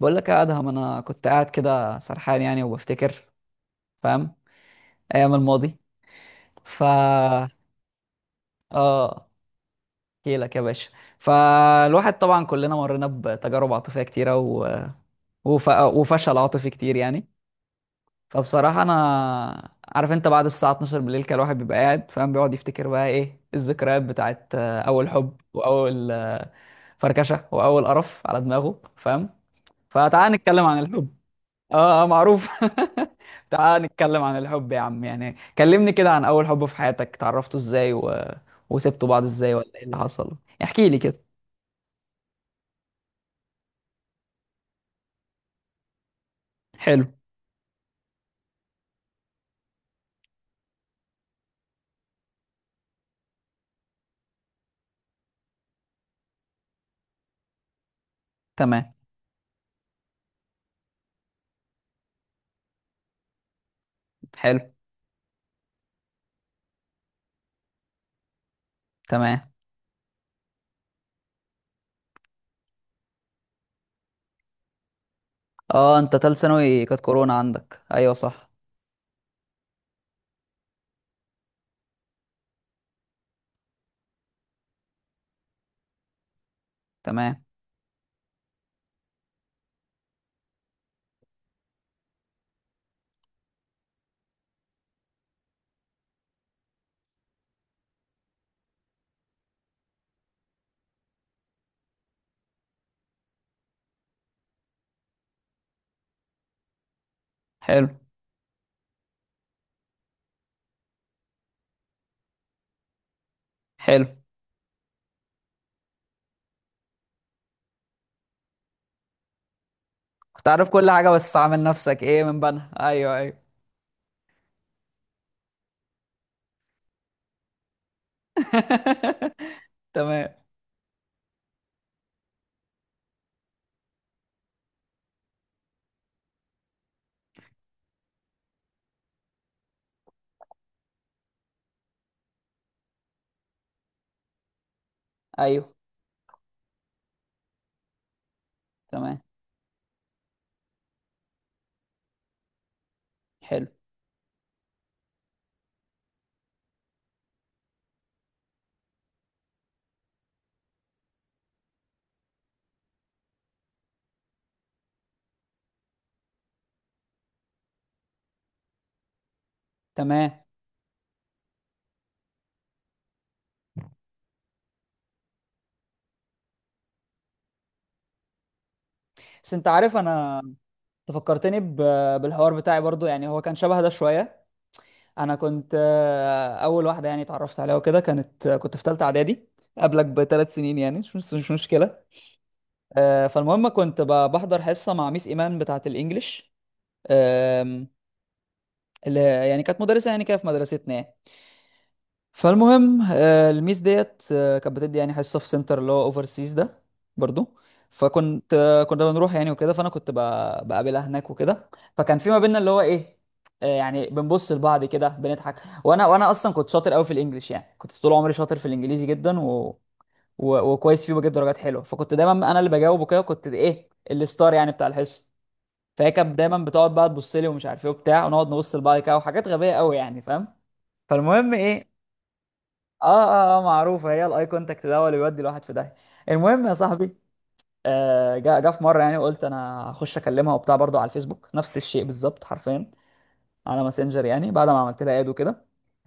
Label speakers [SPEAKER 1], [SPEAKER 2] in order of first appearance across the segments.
[SPEAKER 1] بقول لك يا ادهم، انا كنت قاعد كده سرحان يعني وبفتكر. فاهم؟ ايام الماضي. ف اه احكي لك يا باشا. فالواحد طبعا كلنا مرينا بتجارب عاطفيه كتيره وفشل عاطفي كتير يعني. فبصراحه انا عارف، انت بعد الساعه 12 بالليل كان الواحد بيبقى قاعد، فاهم؟ بيقعد يفتكر بقى ايه الذكريات بتاعت اول حب واول فركشه واول قرف على دماغه. فاهم؟ فتعال نتكلم عن الحب. اه، اه، معروف. تعال نتكلم عن الحب يا عم، يعني كلمني كده عن اول حب في حياتك، اتعرفتوا ازاي وسبتوا بعض ازاي، ولا ايه اللي حصل. احكي لي كده. حلو. تمام. حلو. تمام. اه، انت تالت ثانوي كانت كورونا عندك، ايوه صح. تمام. حلو. حلو. كنت عارف كل حاجة بس عامل نفسك ايه من بنها. ايوه، ايوه. تمام. ايوه. تمام. حلو. تمام. بس انت عارف، انت فكرتني بالحوار بتاعي برضو، يعني هو كان شبه ده شوية. انا كنت اول واحده يعني اتعرفت عليها، وكده كانت كنت في ثالثه اعدادي. قبلك بثلاث سنين، يعني مش مشكله. فالمهم كنت بحضر حصه مع ميس ايمان بتاعه الانجليش، آم، اللي يعني كانت مدرسه يعني كده في مدرستنا يعني. فالمهم الميس ديت كانت بتدي يعني حصه في سنتر اللي هو اوفر سيز ده برضو. فكنت كنا بنروح يعني وكده، فانا كنت بقابلها هناك وكده. فكان في ما بيننا اللي هو ايه، يعني بنبص لبعض كده بنضحك. وانا اصلا كنت شاطر قوي في الانجليش، يعني كنت طول عمري شاطر في الانجليزي جدا وكويس فيه وبجيب درجات حلوه. فكنت دايما انا اللي بجاوب وكده، كنت ايه الستار يعني بتاع الحصه. فهي كانت دايما بتقعد بقى تبص لي ومش عارف ايه وبتاع، ونقعد نبص لبعض كده وحاجات غبيه قوي يعني. فاهم؟ فالمهم ايه. اه، اه، اه، معروفه، هي الاي كونتاكت ده هو اللي بيودي الواحد في داهيه. المهم يا صاحبي، آه جا في مره، يعني قلت انا هخش اكلمها وبتاع برضو على الفيسبوك، نفس الشيء بالظبط حرفيا، على ماسنجر يعني، بعد ما عملت لها اد وكده.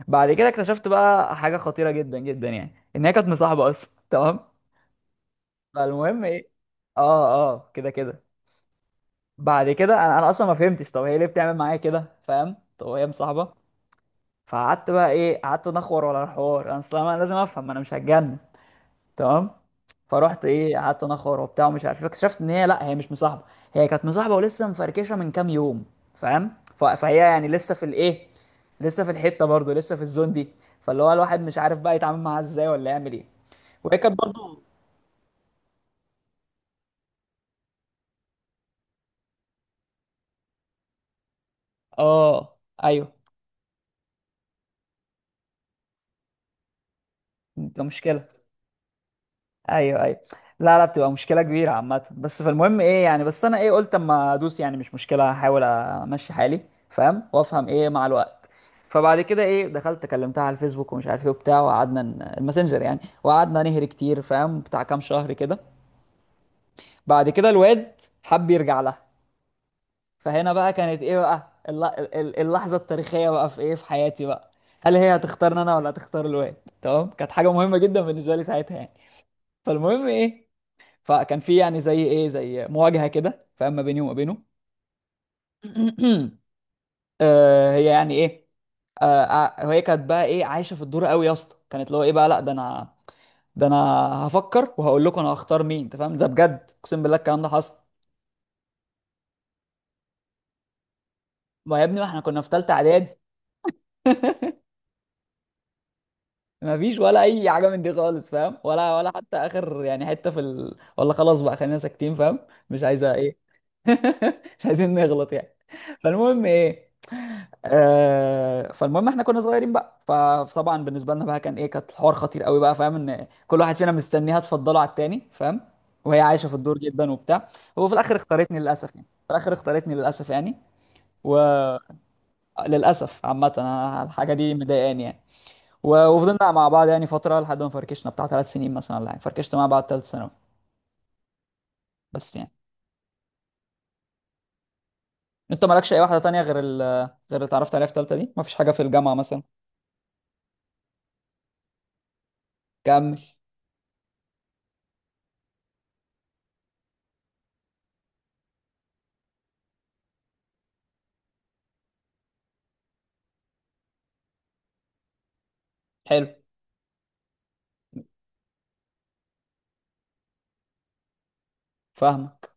[SPEAKER 1] بعد كده اكتشفت بقى حاجه خطيره جدا جدا، يعني ان هي كانت مصاحبه اصلا. تمام. فالمهم ايه. اه، اه، كده كده. بعد كده انا اصلا ما فهمتش، طب هي ليه بتعمل معايا كده، فاهم؟ طب هي مصاحبه. فقعدت بقى ايه، قعدت نخور ولا الحوار، انا اصلا أنا لازم افهم، ما انا مش هتجنن. تمام. فرحت ايه، قعدت انخر وبتاع ومش عارف إيه. اكتشفت ان هي لا، هي مش مصاحبه، هي كانت مصاحبه ولسه مفركشه من كام يوم. فاهم؟ فهي يعني لسه في الايه، لسه في الحته، برضه لسه في الزون دي. فاللي هو الواحد مش عارف بقى يتعامل معاها ازاي ولا يعمل ايه. وهي كانت برضه. اه، ايوه. ده مشكله. ايوه، ايوه. لا، لا، بتبقى مشكله كبيره عامه. بس فالمهم ايه، يعني بس انا ايه، قلت اما ادوس، يعني مش مشكله، هحاول امشي حالي. فاهم؟ وافهم ايه مع الوقت. فبعد كده ايه دخلت كلمتها على الفيسبوك ومش عارف ايه وبتاع، وقعدنا الماسنجر يعني، وقعدنا نهري كتير فاهم، بتاع كام شهر كده. بعد كده الواد حب يرجع لها. فهنا بقى كانت ايه بقى، اللحظه التاريخيه بقى في ايه في حياتي بقى. هل هي هتختارني انا ولا هتختار الواد؟ تمام، كانت حاجه مهمه جدا بالنسبه لي ساعتها يعني. فالمهم ايه. فكان في يعني زي ايه، زي مواجهه كده، فاما بيني وما بينه. هي يعني ايه، هي كانت بقى ايه عايشه في الدور قوي يا اسطى، كانت اللي هو ايه بقى، لا ده انا، ده انا هفكر وهقول لكم انا هختار مين. انت فاهم؟ ده بجد، اقسم بالله الكلام ده حصل. ما يا ابني ما احنا كنا في ثالثه اعدادي. ما فيش ولا اي حاجه من دي خالص، فاهم؟ ولا حتى اخر يعني حته في ال... ولا خلاص بقى خلينا ساكتين. فاهم؟ مش عايزه ايه. مش عايزين نغلط يعني. فالمهم ايه. فالمهم احنا كنا صغيرين بقى فطبعا بالنسبه لنا بقى كان ايه، كانت الحوار خطير قوي بقى، فاهم؟ ان كل واحد فينا مستنيها تفضله على التاني. فاهم؟ وهي عايشه في الدور جدا وبتاع. هو في الاخر اختارتني للاسف يعني، في الاخر اختارتني للاسف يعني. وللاسف عامه أنا الحاجه دي مضايقاني يعني. وفضلنا مع بعض يعني فتره، لحد ما فركشنا بتاع ثلاث سنين مثلا ولا حاجه، فركشت مع بعض ثالث ثانوي. بس يعني، انت مالكش اي واحده تانية غير غير اللي اتعرفت عليها في ثالثه دي، مفيش حاجه في الجامعه مثلا؟ كمل. حلو. فاهمك.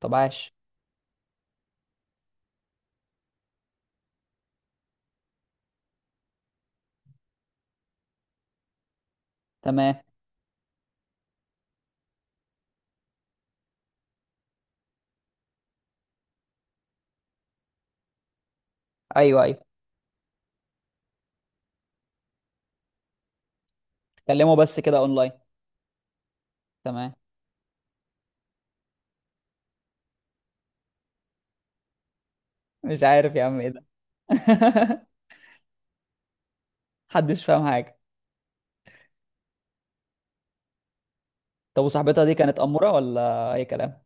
[SPEAKER 1] طب عاش. تمام. ايوه، ايوه. تكلموا بس كده اونلاين. تمام. مش عارف يا عم ايه ده. محدش فاهم حاجه. طب وصاحبتها دي كانت اموره ولا اي كلام؟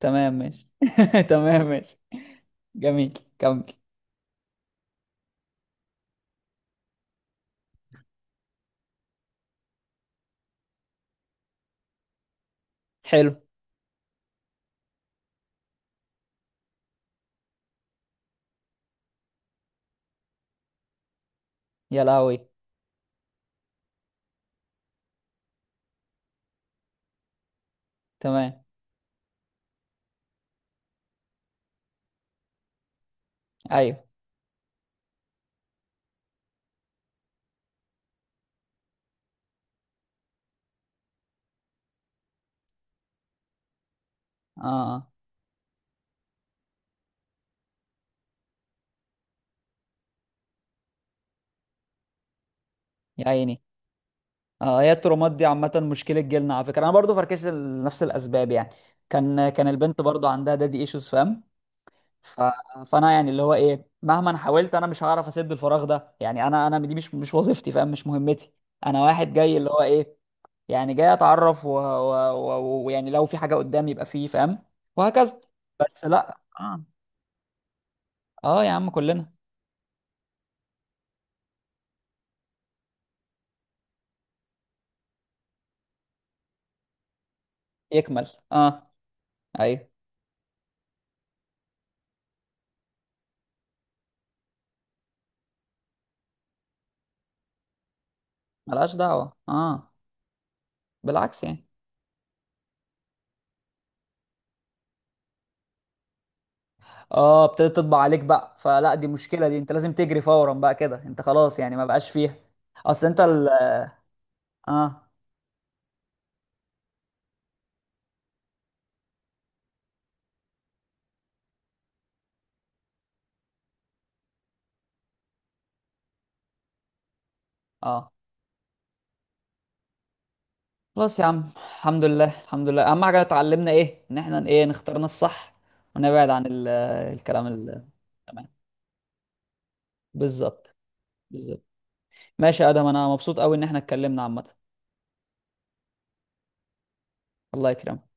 [SPEAKER 1] تمام ماشي. تمام ماشي. جميل. كمل. حلو. يا لهوي. تمام. ايوه. اه. آه. يا عيني. اه، هي الترومات دي عامه مشكله جيلنا على فكره، انا برضو فركشت لنفس الاسباب يعني. كان البنت برضو عندها دادي ايشوز. فاهم؟ ف... فانا يعني اللي هو ايه، مهما أنا حاولت انا مش هعرف اسد الفراغ ده، يعني انا دي مش وظيفتي. فاهم؟ مش مهمتي. انا واحد جاي اللي هو ايه، يعني جاي اتعرف، ويعني، ويعني لو في حاجه قدامي يبقى فيه. فاهم؟ وهكذا. بس لا، اه. اه يا عم كلنا. يكمل، اه. ايوه. ملهاش دعوه، اه. بالعكس يعني. اه، ابتدت تطبع عليك بقى، فلا دي مشكله دي، انت لازم تجري فورا بقى كده، انت خلاص يعني ما بقاش فيها. اصل انت ال... اه، اه. خلاص يا عم، الحمد لله، الحمد لله، اهم حاجه اتعلمنا ايه، ان احنا ايه نختارنا الصح ونبعد عن الكلام ال-. تمام. بالظبط. بالظبط. ماشي يا ادم، انا مبسوط قوي ان احنا اتكلمنا عامه. الله يكرمك.